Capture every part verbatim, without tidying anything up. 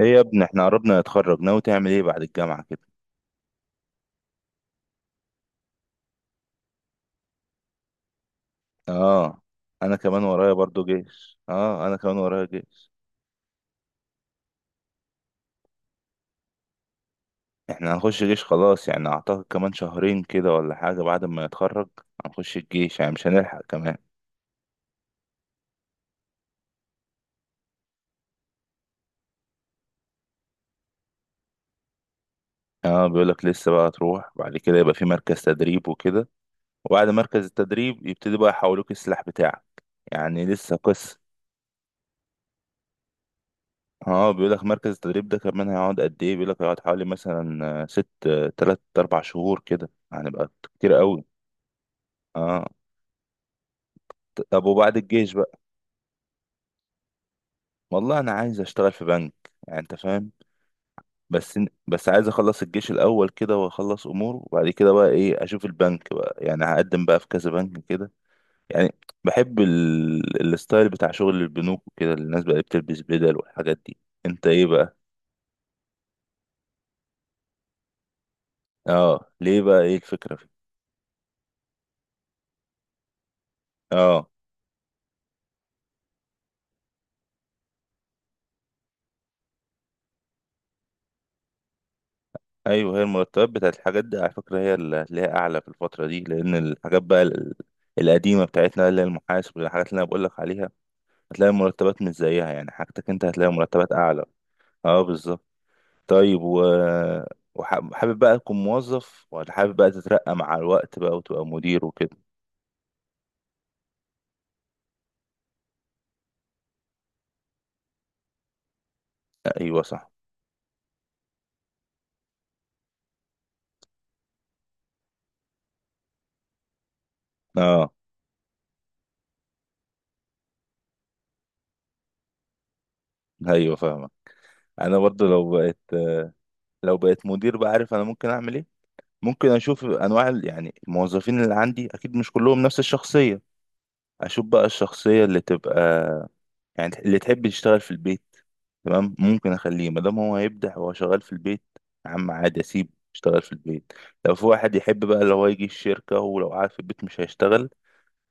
ايه يا ابني، احنا قربنا نتخرج. ناوي تعمل ايه بعد الجامعة كده؟ اه، انا كمان ورايا برضو جيش. اه، انا كمان ورايا جيش. احنا هنخش جيش خلاص، يعني اعتقد كمان شهرين كده ولا حاجة بعد ما نتخرج. هنخش الجيش، يعني مش هنلحق كمان. اه، بيقولك لسه بقى تروح بعد كده، يبقى في مركز تدريب وكده، وبعد مركز التدريب يبتدي بقى يحولوك السلاح بتاعك. يعني لسه قصة. اه، بيقولك مركز التدريب ده كمان هيقعد قد ايه. بيقولك هيقعد حوالي مثلا آه، ست آه، تلات اربع شهور كده. هنبقى كتير قوي. اه. ط- طب وبعد الجيش بقى، والله انا عايز اشتغل في بنك. يعني انت فاهم. بس ن- بس عايز اخلص الجيش الاول كده واخلص امور، وبعد كده بقى ايه، اشوف البنك بقى. يعني هقدم بقى في كذا بنك كده. يعني بحب ال... الستايل بتاع شغل البنوك وكده، اللي الناس بقى بتلبس بدل والحاجات دي. انت ايه بقى؟ اه، ليه بقى؟ ايه الفكرة في؟ اه، ايوه. هي المرتبات بتاعت الحاجات دي على فكرة هي اللي هتلاقيها اعلى في الفترة دي، لان الحاجات بقى ال- القديمة بتاعتنا اللي هي المحاسب والحاجات اللي انا بقول لك عليها، هتلاقي المرتبات مش زيها. يعني حاجتك انت هتلاقي مرتبات اعلى. اه بالظبط. طيب، و وحابب بقى تكون موظف ولا حابب بقى تترقى مع الوقت بقى وتبقى مدير وكده؟ ايوه صح. اه. ايوه فاهمك. انا برضو لو بقيت لو بقيت مدير بقى، عارف انا ممكن اعمل ايه؟ ممكن اشوف انواع ال- يعني الموظفين اللي عندي. اكيد مش كلهم نفس الشخصية. اشوف بقى الشخصية اللي تبقى، يعني اللي تحب يشتغل في البيت، تمام، ممكن اخليه ما دام هو هيبدع وهو شغال في البيت. يا عم عادي، اسيبه يشتغل في البيت. لو في واحد يحب بقى اللي هو يجي الشركة، ولو قاعد في البيت مش هيشتغل،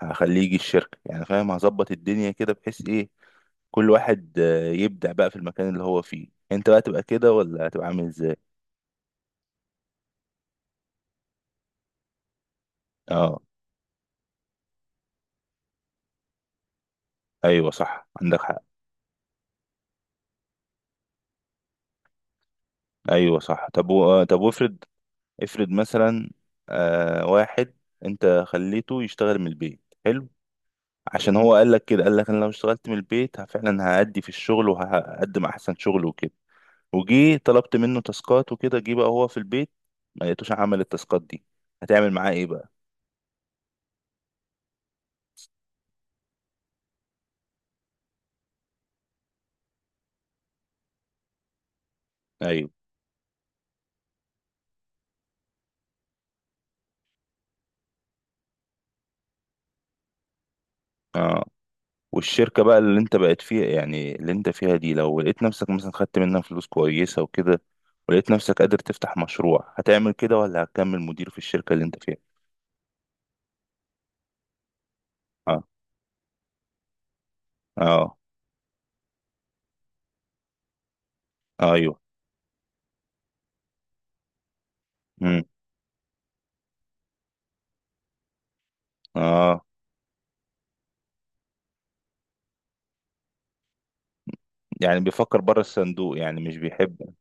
هخليه يجي الشركة. يعني فاهم، هظبط الدنيا كده بحيث ايه، كل واحد آه، يبدع بقى في المكان اللي هو فيه. انت بقى تبقى كده، ولا هتبقى عامل ازاي؟ اه. ايوه صح، عندك حق. ايوه صح. طب و... آه، طب وافرض، افرض مثلا آه واحد انت خليته يشتغل من البيت، حلو، عشان هو قال لك كده، قال لك انا لو اشتغلت من البيت ه- فعلا هأدي في الشغل وهقدم احسن شغل وكده. وجي طلبت منه تاسكات وكده، جه بقى هو في البيت ما لقيتوش عمل التاسكات دي. هتعمل معاه ايه بقى؟ ايوه. اه. والشركة بقى اللي انت بقت فيها، يعني اللي انت فيها دي، لو لقيت نفسك مثلا خدت منها فلوس كويسة وكده، ولقيت نفسك قادر تفتح مشروع، هتعمل كده ولا هتكمل مدير في الشركة اللي انت فيها؟ اه. اه. ايوه. امم. اه. يعني بيفكر بره الصندوق، يعني مش بيحب.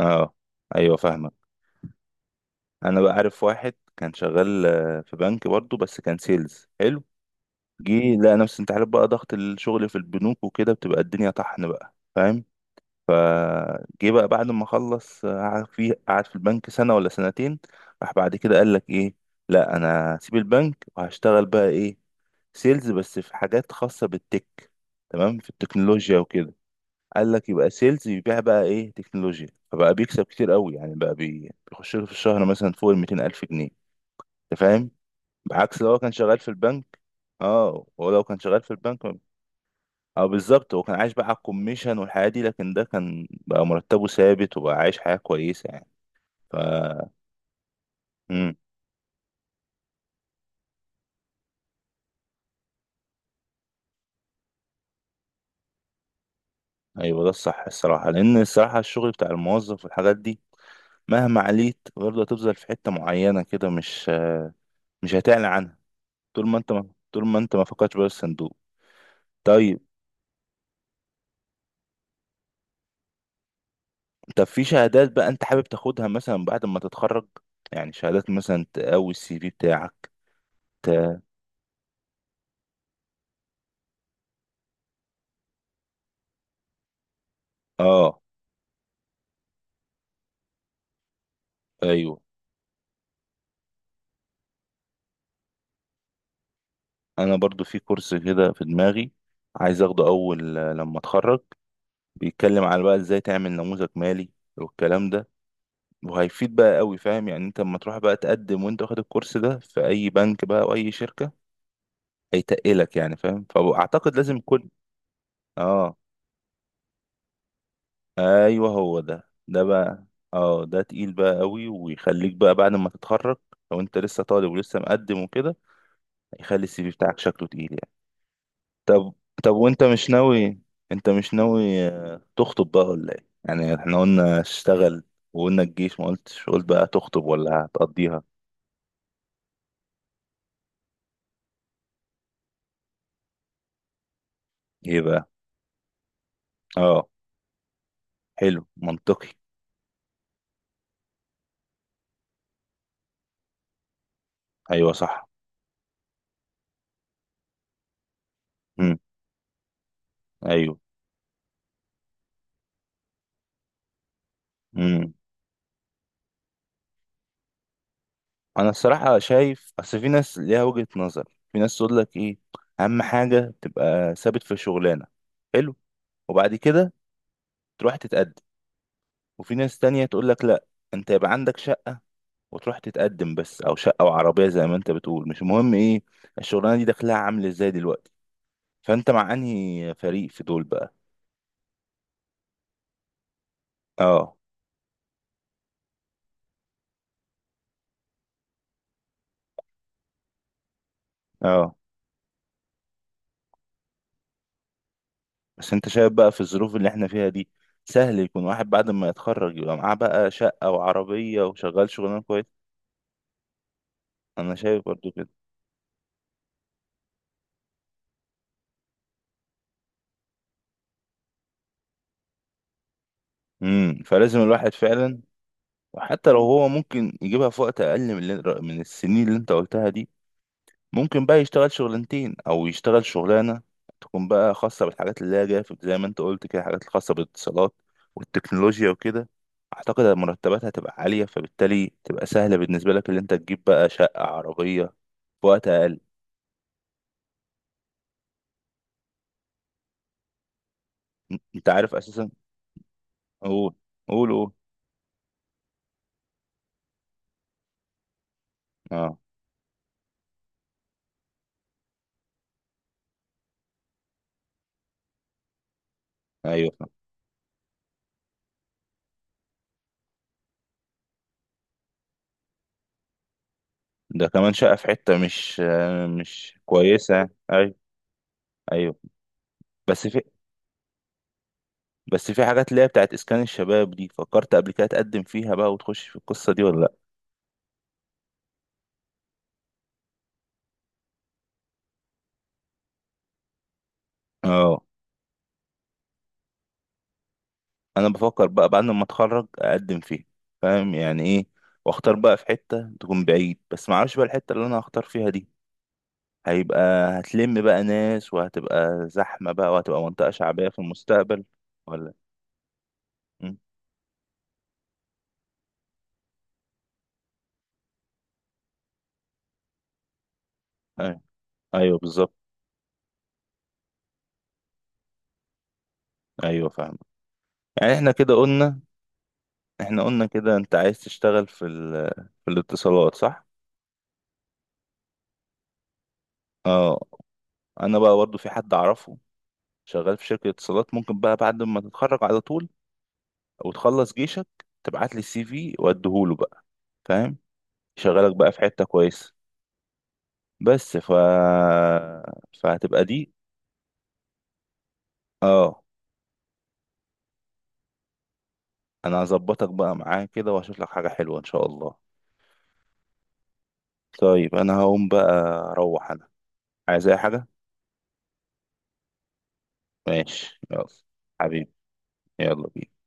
اه، ايوه فاهمك. انا بقى عارف واحد كان شغال آه، في بنك برضه، بس كان سيلز حلو. جه لقى نفسه، انت عارف بقى ضغط الشغل في البنوك وكده، بتبقى الدنيا طحن بقى، فاهم. فجه بقى بعد ما خلص آه، قعد في قعد في البنك سنة ولا سنتين، راح بعد كده قال لك ايه، لا انا هسيب البنك وهشتغل بقى ايه، سيلز، بس في حاجات خاصة بالتك، تمام، في التكنولوجيا وكده. قال لك يبقى سيلز يبيع بقى ايه، تكنولوجيا. فبقى بيكسب كتير قوي، يعني بقى بي- بيخش له في الشهر مثلا فوق ال ميتين ألف جنيه. انت فاهم. بعكس لو هو كان شغال في البنك. اه، هو لو كان شغال في البنك، اه بالظبط، هو كان عايش بقى على الكوميشن والحياة دي، لكن ده كان بقى مرتبه ثابت وبقى عايش حياة كويسة يعني. ف، امم، ايوه ده الصح الصراحة، لان الصراحة الشغل بتاع الموظف والحاجات دي، مهما عليت برضه هتفضل في حتة معينة كده، مش مش هتعلى عنها. طول ما انت ما طول ما انت ما فكرتش بره الصندوق. طيب، طب في شهادات بقى انت حابب تاخدها مثلا بعد ما تتخرج، يعني شهادات مثلا تقوي السي في بتاعك؟ ت... اه، ايوه، انا برضو في كورس كده في دماغي عايز اخده اول لما اتخرج، بيتكلم على بقى ازاي تعمل نموذج مالي والكلام ده. وهيفيد بقى قوي، فاهم، يعني انت لما تروح بقى تقدم وانت واخد الكورس ده في اي بنك بقى او اي شركة، هيتقلك، يعني فاهم. فاعتقد لازم كل. اه، ايوه، هو ده ده بقى. اه، ده تقيل بقى قوي، ويخليك بقى بعد ما تتخرج، لو انت لسه طالب ولسه مقدم وكده، هيخلي السي في بتاعك شكله تقيل يعني. طب، طب وانت مش ناوي، انت مش ناوي آه، تخطب بقى ولا ايه؟ يعني احنا قلنا اشتغل، وقلنا الجيش، ما قلتش قلت بقى تخطب ولا هتقضيها. ايه بقى؟ اه، حلو، منطقي. ايوه صح. امم. ايوه. امم. انا الصراحه شايف، اصل في ناس ليها وجهة نظر، في ناس تقول لك ايه، اهم حاجه تبقى ثابت في شغلانه، حلو، وبعد كده تروح تتقدم. وفي ناس تانية تقول لك لا، انت يبقى عندك شقه وتروح تتقدم بس، او شقه او عربيه، زي ما انت بتقول، مش مهم ايه الشغلانه دي دخلها عامل ازاي دلوقتي. فانت مع انهي فريق في دول بقى؟ اه. اه. بس انت شايف بقى في الظروف اللي احنا فيها دي، سهل يكون واحد بعد ما يتخرج يبقى معاه بقى شقه وعربيه وشغال شغلانه كويس؟ انا شايف برضو كده. امم فلازم الواحد فعلا. وحتى لو هو ممكن يجيبها في وقت اقل من اللي- من السنين اللي انت قلتها دي، ممكن بقى يشتغل شغلانتين، او يشتغل شغلانه تكون بقى خاصه بالحاجات اللي هي جايه في- زي ما انت قلت كده، الحاجات الخاصه بالاتصالات والتكنولوجيا وكده. اعتقد المرتبات هتبقى عاليه، فبالتالي تبقى سهله بالنسبه لك اللي انت تجيب بقى شقه عربيه في وقت اقل. م- انت عارف اساسا. قول، قول قول. اه، ايوه فاهم. ده كمان شقه في حته مش آه، مش كويسه، ايوه. ايوه. بس في بس في حاجات اللي هي بتاعت اسكان الشباب دي، فكرت قبل كده تقدم فيها بقى وتخش في القصه دي ولا لا؟ اه، انا بفكر بقى بعد ما اتخرج اقدم فيه. فاهم يعني ايه، واختار بقى في حتة تكون بعيد، بس ما اعرفش بقى الحتة اللي انا هختار فيها دي هيبقى، هتلم بقى ناس، وهتبقى زحمة بقى، وهتبقى منطقة شعبية في المستقبل ولا. مم. أيوة. ايوه بالظبط. ايوه فاهم. يعني احنا كده قلنا، احنا قلنا كده انت عايز تشتغل في ال... في الاتصالات، صح؟ اه، انا بقى برضو في حد اعرفه شغال في شركة اتصالات، ممكن بقى بعد ما تتخرج على طول او تخلص جيشك، تبعت لي السي في واديهوله بقى، فاهم، يشغلك بقى في حتة كويسة. بس ف فهتبقى دي. اه، انا هظبطك بقى معاه كده وهشوف لك حاجة حلوة ان شاء الله. طيب انا هقوم بقى، اروح انا. عايز اي حاجة؟ ماشي، يلا. حبيبي، يلا بينا.